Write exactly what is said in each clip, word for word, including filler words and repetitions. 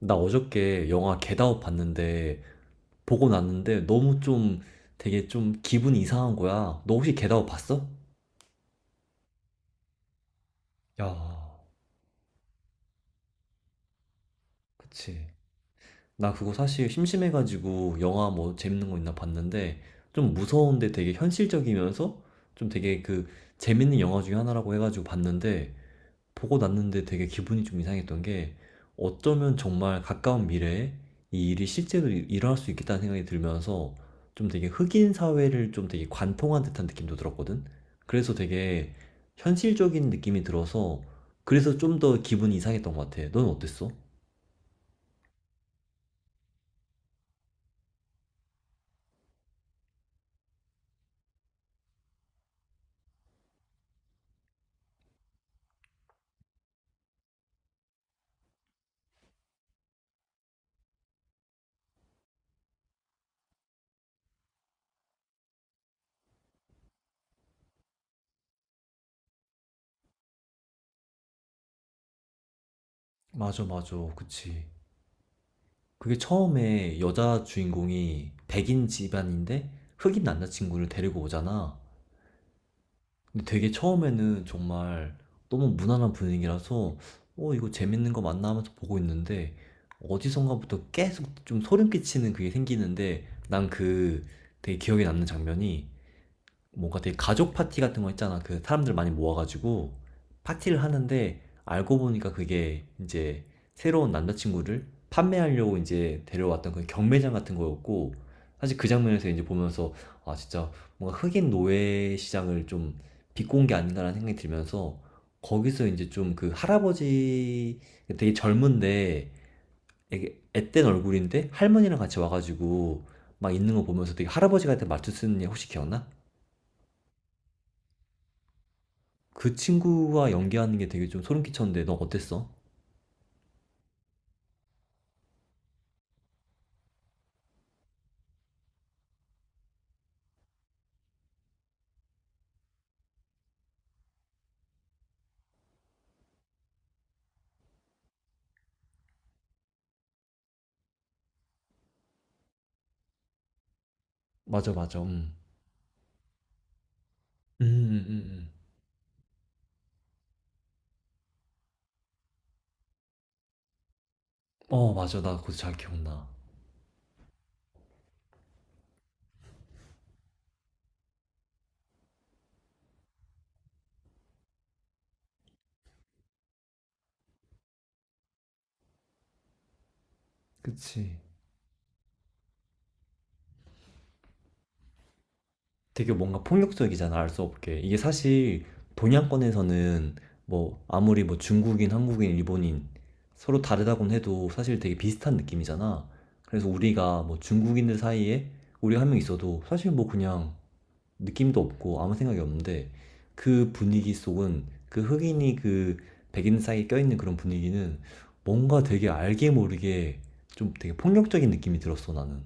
나 어저께 영화 겟아웃 봤는데 보고 났는데 너무 좀 되게 좀 기분이 이상한 거야. 너 혹시 겟아웃 봤어? 야, 그치. 나 그거 사실 심심해가지고 영화 뭐 재밌는 거 있나 봤는데 좀 무서운데 되게 현실적이면서 좀 되게 그 재밌는 영화 중에 하나라고 해가지고 봤는데 보고 났는데 되게 기분이 좀 이상했던 게 어쩌면 정말 가까운 미래에 이 일이 실제로 일- 어날 수 있겠다는 생각이 들면서 좀 되게 흑인 사회를 좀 되게 관통한 듯한 느낌도 들었거든. 그래서 되게 현실적인 느낌이 들어서 그래서 좀 더 기분이 이상했던 것 같아. 넌 어땠어? 맞아, 맞아. 그치. 그게 처음에 여자 주인공이 백인 집안인데 흑인 남자친구를 데리고 오잖아. 근데 되게 처음에는 정말 너무 무난한 분위기라서 어 이거 재밌는 거 맞나 하면서 보고 있는데 어디선가부터 계속 좀 소름 끼치는 그게 생기는데 난 그 되게 기억에 남는 장면이 뭔가 되게 가족 파티 같은 거 있잖아. 그 사람들 많이 모아가지고 파티를 하는데 알고 보니까 그게 이제 새로운 남자친구를 판매하려고 이제 데려왔던 그 경매장 같은 거였고 사실 그 장면에서 이제 보면서 아 진짜 뭔가 흑인 노예 시장을 좀 비꼰 게 아닌가라는 생각이 들면서 거기서 이제 좀 그 할아버지 되게 젊은데 되게 앳된 얼굴인데 할머니랑 같이 와가지고 막 있는 거 보면서 되게 할아버지 같은 말투 쓰는 애 혹시 기억나? 그 친구와 연기하는 게 되게 좀 소름 끼쳤는데 너 어땠어? 맞아, 맞아. 음. 음, 음, 음, 음. 어, 맞아. 나 그거 잘 기억나. 그치. 되게 뭔가 폭력적이잖아, 알 수 없게. 이게 사실 동양권에서는 뭐 아무리 뭐 중국인, 한국인, 일본인 서로 다르다곤 해도 사실 되게 비슷한 느낌이잖아. 그래서 우리가 뭐 중국인들 사이에 우리 한 명 있어도 사실 뭐 그냥 느낌도 없고 아무 생각이 없는데 그 분위기 속은 그 흑인이 그 백인 사이에 껴있는 그런 분위기는 뭔가 되게 알게 모르게 좀 되게 폭력적인 느낌이 들었어, 나는.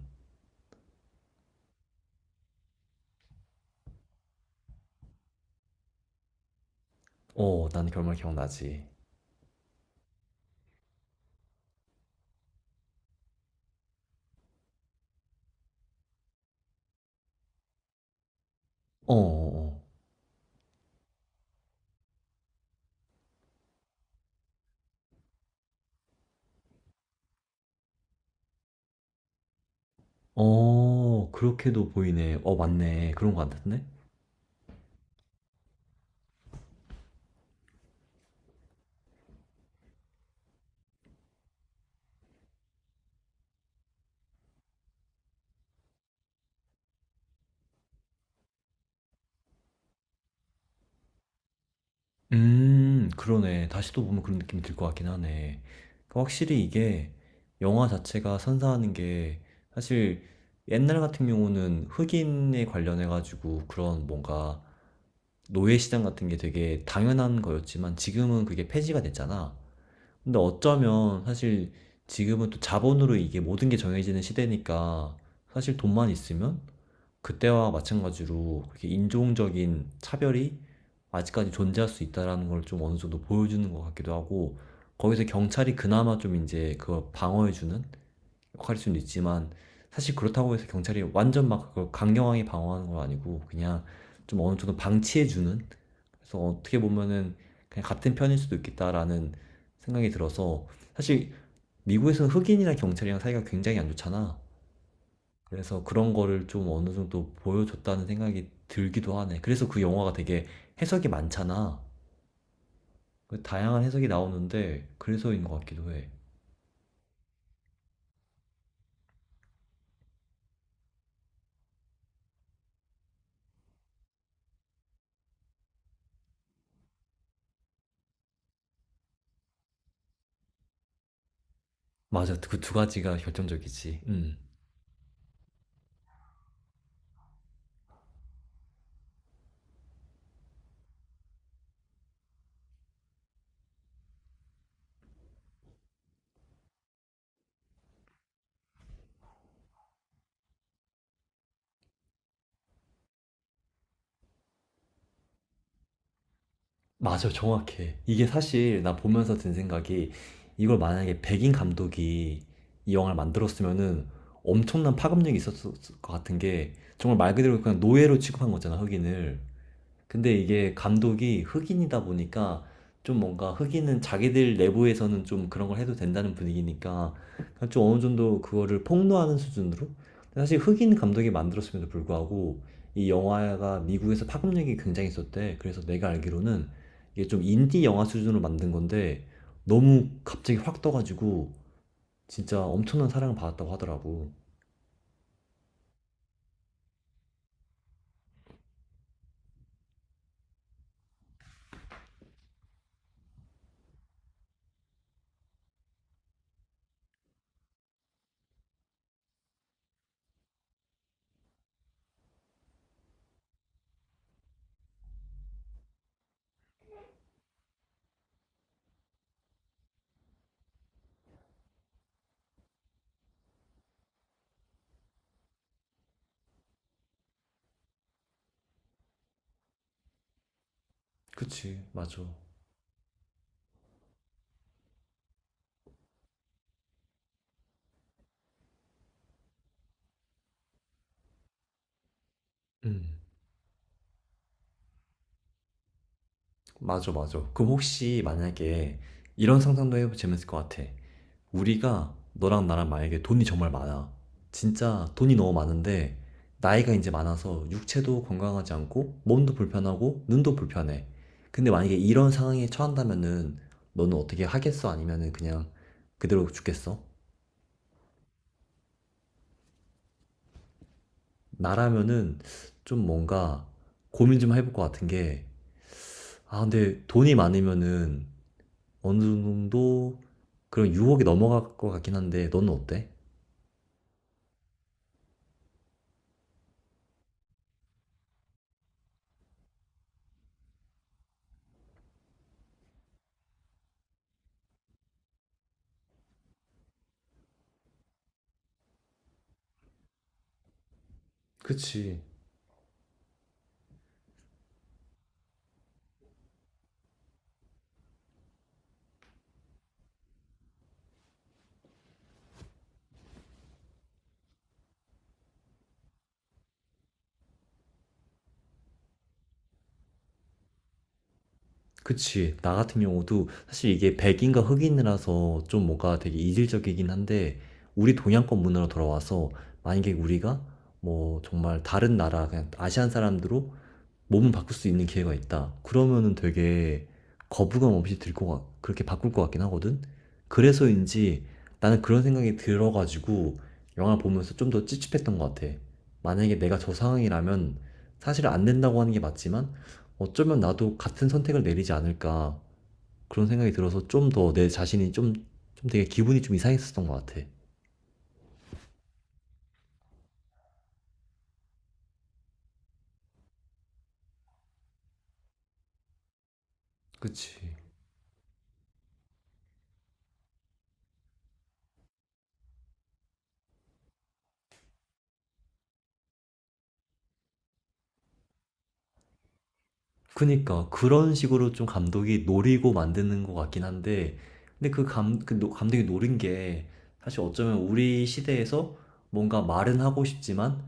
어, 난 결말 기억나지. 어, 어, 어. 어, 그렇게도 보이네. 어, 맞네. 그런 거 같은데? 음 그러네. 다시 또 보면 그런 느낌이 들 것 같긴 하네. 그러니까 확실히 이게 영화 자체가 선사하는 게 사실 옛날 같은 경우는 흑인에 관련해 가지고 그런 뭔가 노예 시장 같은 게 되게 당연한 거였지만 지금은 그게 폐지가 됐잖아. 근데 어쩌면 사실 지금은 또 자본으로 이게 모든 게 정해지는 시대니까 사실 돈만 있으면 그때와 마찬가지로 그렇게 인종적인 차별이 아직까지 존재할 수 있다라는 걸 좀 어느 정도 보여주는 것 같기도 하고 거기서 경찰이 그나마 좀 이제 그걸 방어해주는 역할일 수는 있지만 사실 그렇다고 해서 경찰이 완전 막 그걸 강경하게 방어하는 건 아니고 그냥 좀 어느 정도 방치해주는 그래서 어떻게 보면은 그냥 같은 편일 수도 있겠다라는 생각이 들어서 사실 미국에서는 흑인이랑 경찰이랑 사이가 굉장히 안 좋잖아. 그래서 그런 거를 좀 어느 정도 보여줬다는 생각이 들기도 하네. 그래서 그 영화가 되게 해석이 많잖아. 그 다양한 해석이 나오는데 그래서인 것 같기도 해. 맞아, 그 두 가지가 결정적이지. 음, 맞아, 정확해. 이게 사실 나 보면서 든 생각이 이걸 만약에 백인 감독이 이 영화를 만들었으면은 엄청난 파급력이 있었을 것 같은 게 정말 말 그대로 그냥 노예로 취급한 거잖아, 흑인을. 근데 이게 감독이 흑인이다 보니까 좀 뭔가 흑인은 자기들 내부에서는 좀 그런 걸 해도 된다는 분위기니까 그냥 좀 어느 정도 그거를 폭로하는 수준으로 근데 사실 흑인 감독이 만들었음에도 불구하고 이 영화가 미국에서 파급력이 굉장히 있었대. 그래서 내가 알기로는 이게 좀 인디 영화 수준으로 만든 건데 너무 갑자기 확 떠가지고 진짜 엄청난 사랑을 받았다고 하더라고. 그치. 맞아. 음. 맞아, 맞아. 그럼 혹시 만약에 이런 상상도 해보면 재밌을 것 같아. 우리가 너랑 나랑 만약에 돈이 정말 많아. 진짜 돈이 너무 많은데 나이가 이제 많아서 육체도 건강하지 않고 몸도 불편하고 눈도 불편해. 근데 만약에 이런 상황에 처한다면은 너는 어떻게 하겠어? 아니면은 그냥 그대로 죽겠어? 나라면은 좀 뭔가 고민 좀 해볼 것 같은 게 아, 근데 돈이 많으면은 어느 정도 그런 유혹이 넘어갈 것 같긴 한데 너는 어때? 그치. 그치. 나 같은 경우도 사실 이게 백인과 흑인이라서 좀 뭔가 되게 이질적이긴 한데, 우리 동양권 문화로 돌아와서, 만약에 우리가 뭐 정말 다른 나라, 그냥 아시안 사람들로 몸을 바꿀 수 있는 기회가 있다. 그러면은 되게 거부감 없이 들 것 같, 그렇게 바꿀 것 같긴 하거든? 그래서인지 나는 그런 생각이 들어가지고 영화 보면서 좀 더 찝찝했던 것 같아. 만약에 내가 저 상황이라면 사실 안 된다고 하는 게 맞지만 어쩌면 나도 같은 선택을 내리지 않을까 그런 생각이 들어서 좀 더 내 자신이 좀, 좀 되게 기분이 좀 이상했었던 것 같아. 그치. 그니까 그런 식으로 좀 감독이 노리고 만드는 것 같긴 한데 근데 그 감, 그 노- 감독이 노린 게 사실 어쩌면 우리 시대에서 뭔가 말은 하고 싶지만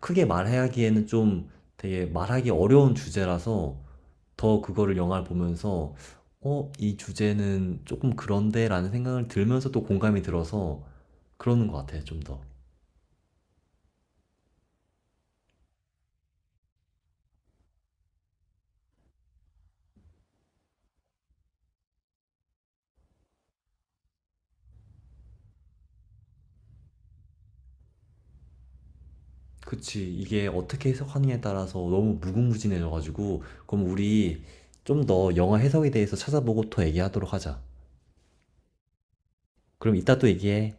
크게 말하기에는 좀 되게 말하기 어려운 주제라서 더 그거를 영화를 보면서 어, 이 주제는 조금 그런데라는 생각을 들면서 또 공감이 들어서 그러는 것 같아요, 좀 더. 그치. 이게 어떻게 해석하느냐에 따라서 너무 무궁무진해져가지고, 그럼 우리 좀 더 영화 해석에 대해서 찾아보고 더 얘기하도록 하자. 그럼 이따 또 얘기해.